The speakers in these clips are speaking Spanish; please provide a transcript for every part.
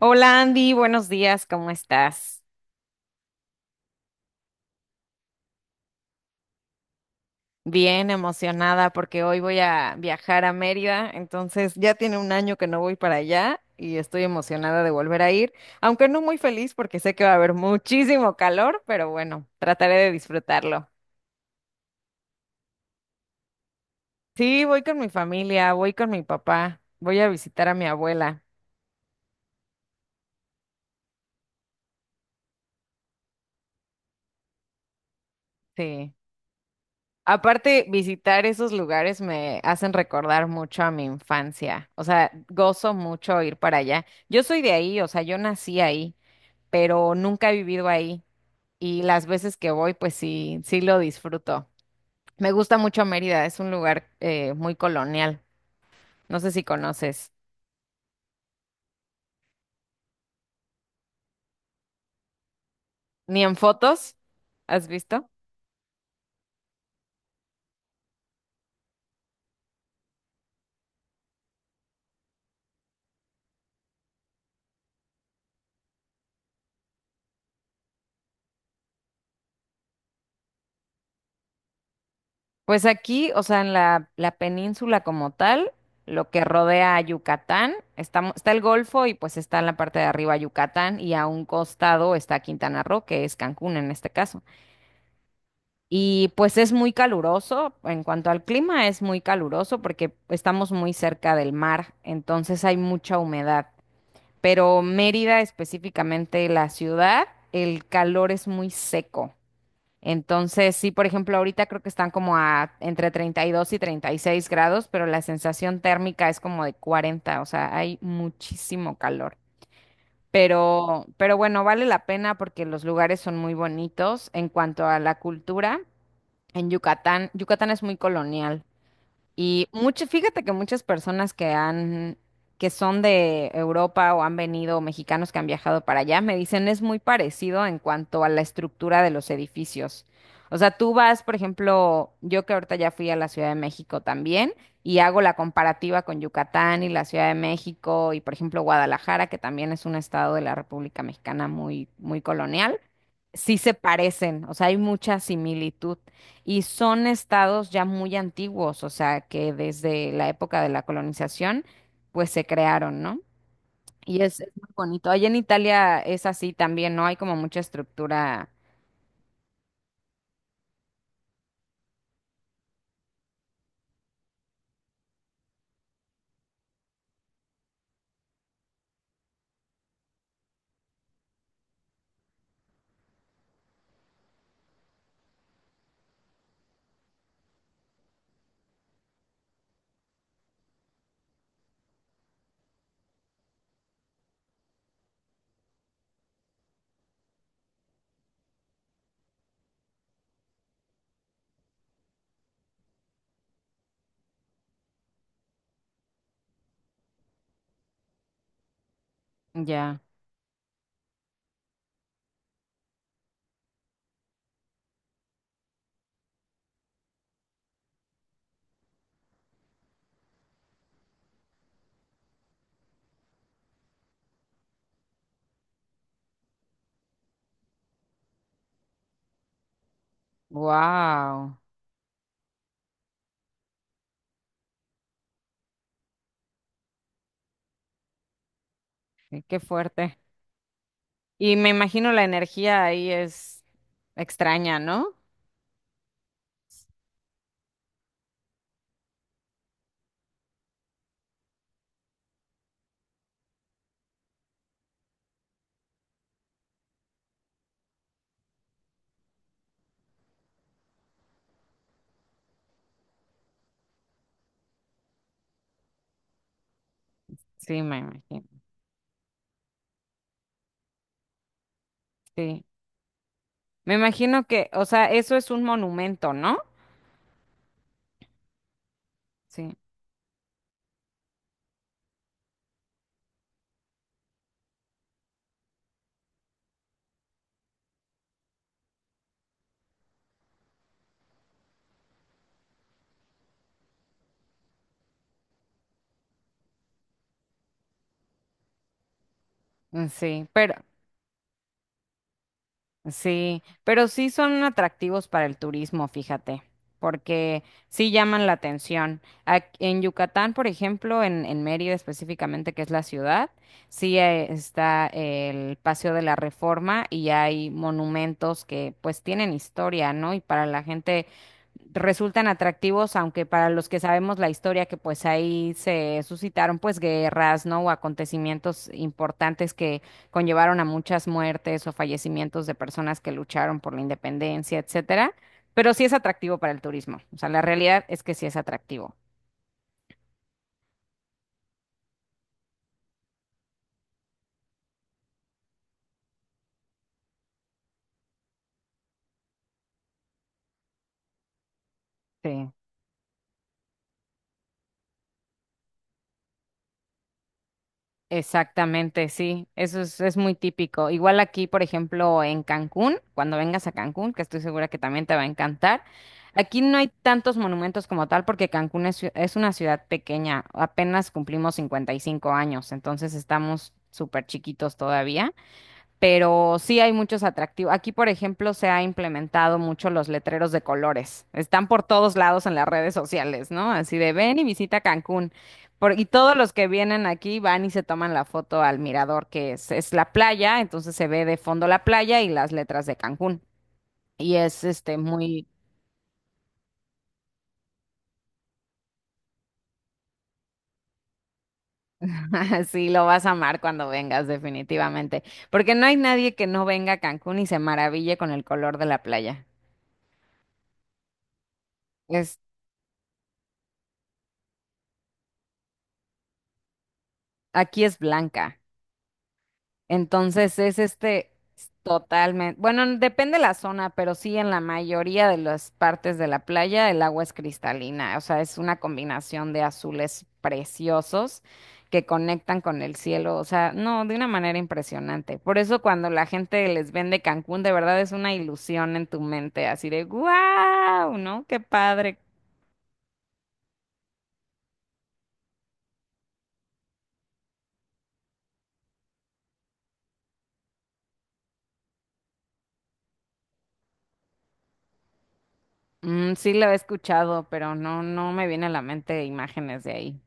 Hola Andy, buenos días, ¿cómo estás? Bien emocionada porque hoy voy a viajar a Mérida, entonces ya tiene un año que no voy para allá y estoy emocionada de volver a ir, aunque no muy feliz porque sé que va a haber muchísimo calor, pero bueno, trataré de disfrutarlo. Sí, voy con mi familia, voy con mi papá, voy a visitar a mi abuela. Sí. Aparte, visitar esos lugares me hacen recordar mucho a mi infancia. O sea, gozo mucho ir para allá. Yo soy de ahí, o sea, yo nací ahí, pero nunca he vivido ahí. Y las veces que voy, pues sí, sí lo disfruto. Me gusta mucho Mérida, es un lugar muy colonial. No sé si conoces. Ni en fotos, ¿has visto? Pues aquí, o sea, en la península como tal, lo que rodea a Yucatán, está, está el Golfo y pues está en la parte de arriba Yucatán y a un costado está Quintana Roo, que es Cancún en este caso. Y pues es muy caluroso, en cuanto al clima es muy caluroso porque estamos muy cerca del mar, entonces hay mucha humedad. Pero Mérida, específicamente la ciudad, el calor es muy seco. Entonces, sí, por ejemplo, ahorita creo que están como a entre 32 y 36 grados, pero la sensación térmica es como de 40, o sea, hay muchísimo calor. Pero bueno, vale la pena porque los lugares son muy bonitos. En cuanto a la cultura, en Yucatán, Yucatán es muy colonial. Y mucho, fíjate que muchas personas que son de Europa o han venido, mexicanos que han viajado para allá, me dicen es muy parecido en cuanto a la estructura de los edificios. O sea, tú vas, por ejemplo, yo que ahorita ya fui a la Ciudad de México también y hago la comparativa con Yucatán y la Ciudad de México y, por ejemplo, Guadalajara, que también es un estado de la República Mexicana muy, muy colonial sí se parecen, o sea, hay mucha similitud y son estados ya muy antiguos, o sea, que desde la época de la colonización, pues se crearon, ¿no? Y es muy bonito. Allá en Italia es así también, ¿no? Hay como mucha estructura ya. Wow, qué fuerte. Y me imagino la energía ahí es extraña, ¿no? Sí, me imagino. Sí. Me imagino que, o sea, eso es un monumento, ¿no? Sí, sí, pero sí, pero sí son atractivos para el turismo, fíjate, porque sí llaman la atención. Ac- en Yucatán, por ejemplo, en Mérida específicamente, que es la ciudad, sí está el Paseo de la Reforma y hay monumentos que pues tienen historia, ¿no? Y para la gente resultan atractivos, aunque para los que sabemos la historia, que pues ahí se suscitaron pues guerras, ¿no? O acontecimientos importantes conllevaron a muchas muertes o fallecimientos de personas que lucharon por la independencia, etcétera, pero sí es atractivo para el turismo. O sea, la realidad es que sí es atractivo. Sí. Exactamente, sí, eso es muy típico. Igual aquí, por ejemplo, en Cancún, cuando vengas a Cancún, que estoy segura que también te va a encantar, aquí no hay tantos monumentos como tal porque Cancún es, ciu- es una ciudad pequeña, apenas cumplimos 55 años, entonces estamos súper chiquitos todavía. Pero sí hay muchos atractivos. Aquí, por ejemplo, se ha implementado mucho los letreros de colores. Están por todos lados en las redes sociales, ¿no? Así de ven y visita Cancún. Por- y todos los que vienen aquí van y se toman la foto al mirador, que es la playa, entonces se ve de fondo la playa y las letras de Cancún. Y es este muy, sí, lo vas a amar cuando vengas, definitivamente. Porque no hay nadie que no venga a Cancún y se maraville con el color de la playa. Es, aquí es blanca. Entonces es este totalmente, bueno, n- depende la zona, pero sí en la mayoría de las partes de la playa el agua es cristalina, o sea, es una combinación de azules preciosos que conectan con el cielo, o sea, no, de una manera impresionante. Por eso cuando la gente les vende Cancún, de verdad es una ilusión en tu mente, así de wow, ¿no? Qué padre. Mm, sí lo he escuchado, pero no, no me viene a la mente imágenes de ahí.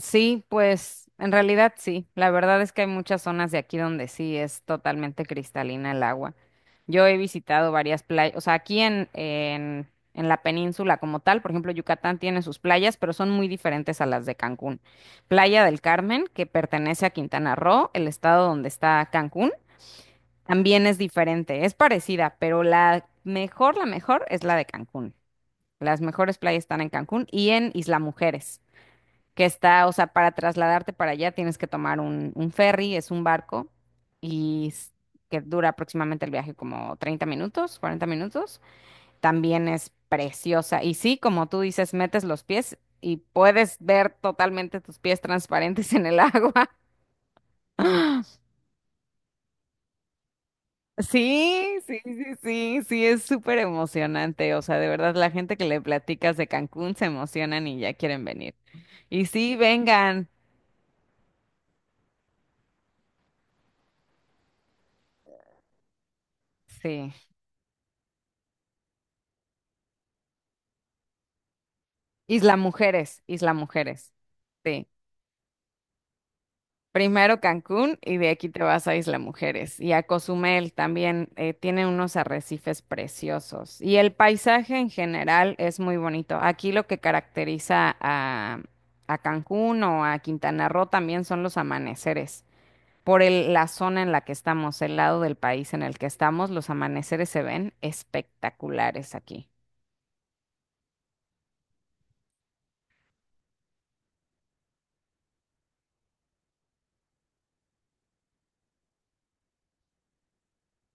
Sí, pues en realidad sí. La verdad es que hay muchas zonas de aquí donde sí es totalmente cristalina el agua. Yo he visitado varias playas, o sea, aquí en la península como tal, por ejemplo, Yucatán tiene sus playas, pero son muy diferentes a las de Cancún. Playa del Carmen, que pertenece a Quintana Roo, el estado donde está Cancún, también es diferente, es parecida, pero la mejor es la de Cancún. Las mejores playas están en Cancún y en Isla Mujeres que está, o sea, para trasladarte para allá tienes que tomar un ferry, es un barco, y s- que dura aproximadamente el viaje como 30 minutos, 40 minutos. También es preciosa. Y sí, como tú dices, metes los pies y puedes ver totalmente tus pies transparentes en el agua. Sí, sí, sí, sí, sí, es súper emocionante. O sea, de verdad, la gente que le platicas de Cancún se emocionan y ya quieren venir. Y sí, vengan. Sí. Isla Mujeres, Isla Mujeres. Sí. Primero Cancún y de aquí te vas a Isla Mujeres. Y a Cozumel también tiene unos arrecifes preciosos. Y el paisaje en general es muy bonito. Aquí lo que caracteriza a Cancún o a Quintana Roo también son los amaneceres. Por el- la zona en la que estamos, el lado del país en el que estamos, los amaneceres se ven espectaculares aquí.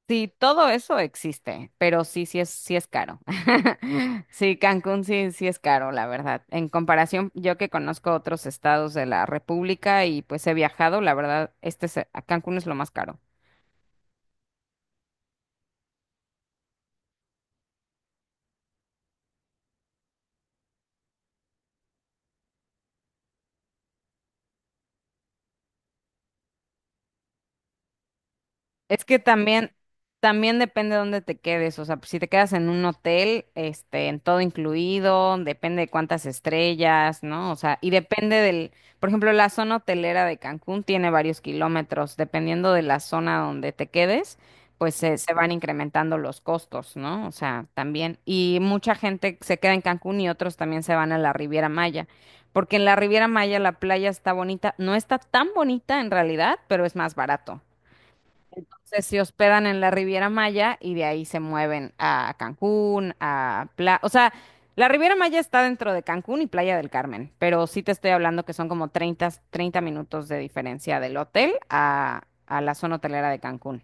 Sí, todo eso existe, pero sí, sí es caro. Sí, Cancún sí, sí es caro, la verdad. En comparación, yo que conozco otros estados de la República y pues he viajado, la verdad, este es, a Cancún es lo más caro. Es que también, también depende de dónde te quedes. O sea, pues, si te quedas en un hotel, este, en todo incluido, depende de cuántas estrellas, ¿no? O sea, y depende del, por ejemplo, la zona hotelera de Cancún tiene varios kilómetros. Dependiendo de la zona donde te quedes, pues se van incrementando los costos, ¿no? O sea, también. Y mucha gente se queda en Cancún y otros también se van a la Riviera Maya. Porque en la Riviera Maya la playa está bonita, no está tan bonita en realidad, pero es más barato. Entonces se hospedan en la Riviera Maya y de ahí se mueven a Cancún, a Playa. O sea, la Riviera Maya está dentro de Cancún y Playa del Carmen, pero sí te estoy hablando que son como 30 minutos de diferencia del hotel a la zona hotelera de Cancún.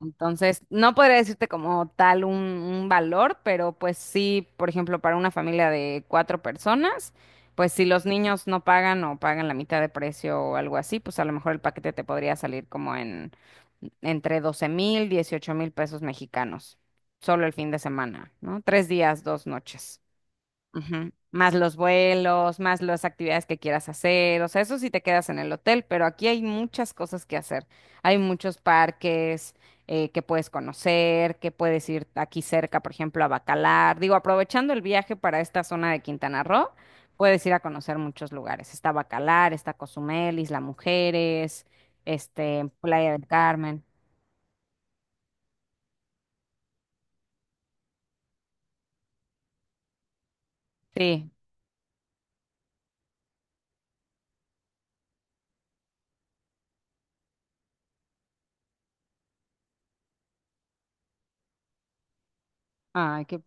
Entonces, no podría decirte como tal un valor, pero pues sí, por ejemplo, para una familia de cuatro personas, pues si los niños no pagan o pagan la mitad de precio o algo así, pues a lo mejor el paquete te podría salir como en entre 12.000, 18.000 pesos mexicanos, solo el fin de semana, ¿no? Tres días, dos noches. Ujú. Más los vuelos, más las actividades que quieras hacer, o sea, eso sí te quedas en el hotel, pero aquí hay muchas cosas que hacer. Hay muchos parques que puedes conocer, que puedes ir aquí cerca, por ejemplo, a Bacalar. Digo, aprovechando el viaje para esta zona de Quintana Roo, puedes ir a conocer muchos lugares. Está Bacalar, está Cozumel, Isla Mujeres, este, Playa del Carmen. Sí, ay, qué,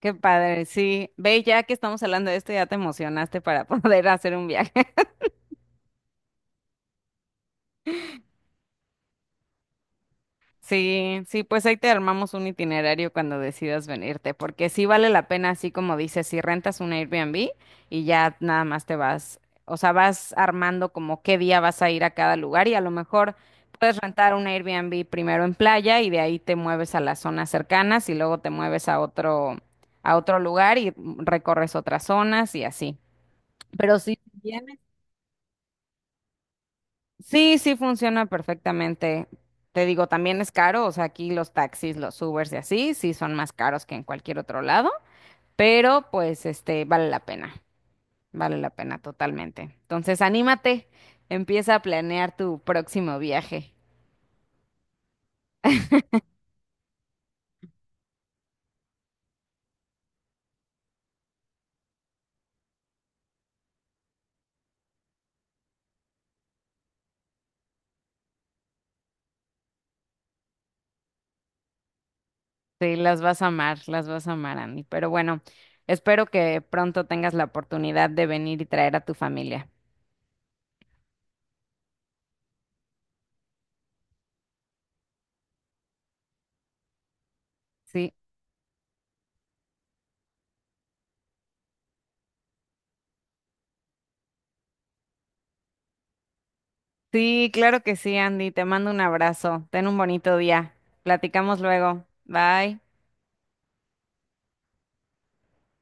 qué padre, sí. Ve, ya que estamos hablando de esto, ya te emocionaste para poder hacer un viaje. Sí, sí, pues ahí te armamos un itinerario cuando decidas venirte, porque sí vale la pena, así como dices, si rentas un Airbnb y ya nada más te vas, o sea, vas armando como qué día vas a ir a cada lugar y a lo mejor puedes rentar un Airbnb primero en playa y de ahí te mueves a las zonas cercanas y luego te mueves a otro lugar y recorres otras zonas y así. Pero sí, sí, sí funciona perfectamente. Te digo, también es caro, o sea, aquí los taxis, los Ubers y así, sí son más caros que en cualquier otro lado, pero pues este vale la pena totalmente. Entonces, anímate, empieza a planear tu próximo viaje. Sí, las vas a amar, las vas a amar, Andy. Pero bueno, espero que pronto tengas la oportunidad de venir y traer a tu familia. Sí, sí, claro que sí, Andy. Te mando un abrazo. Ten un bonito día. Platicamos luego. Bye.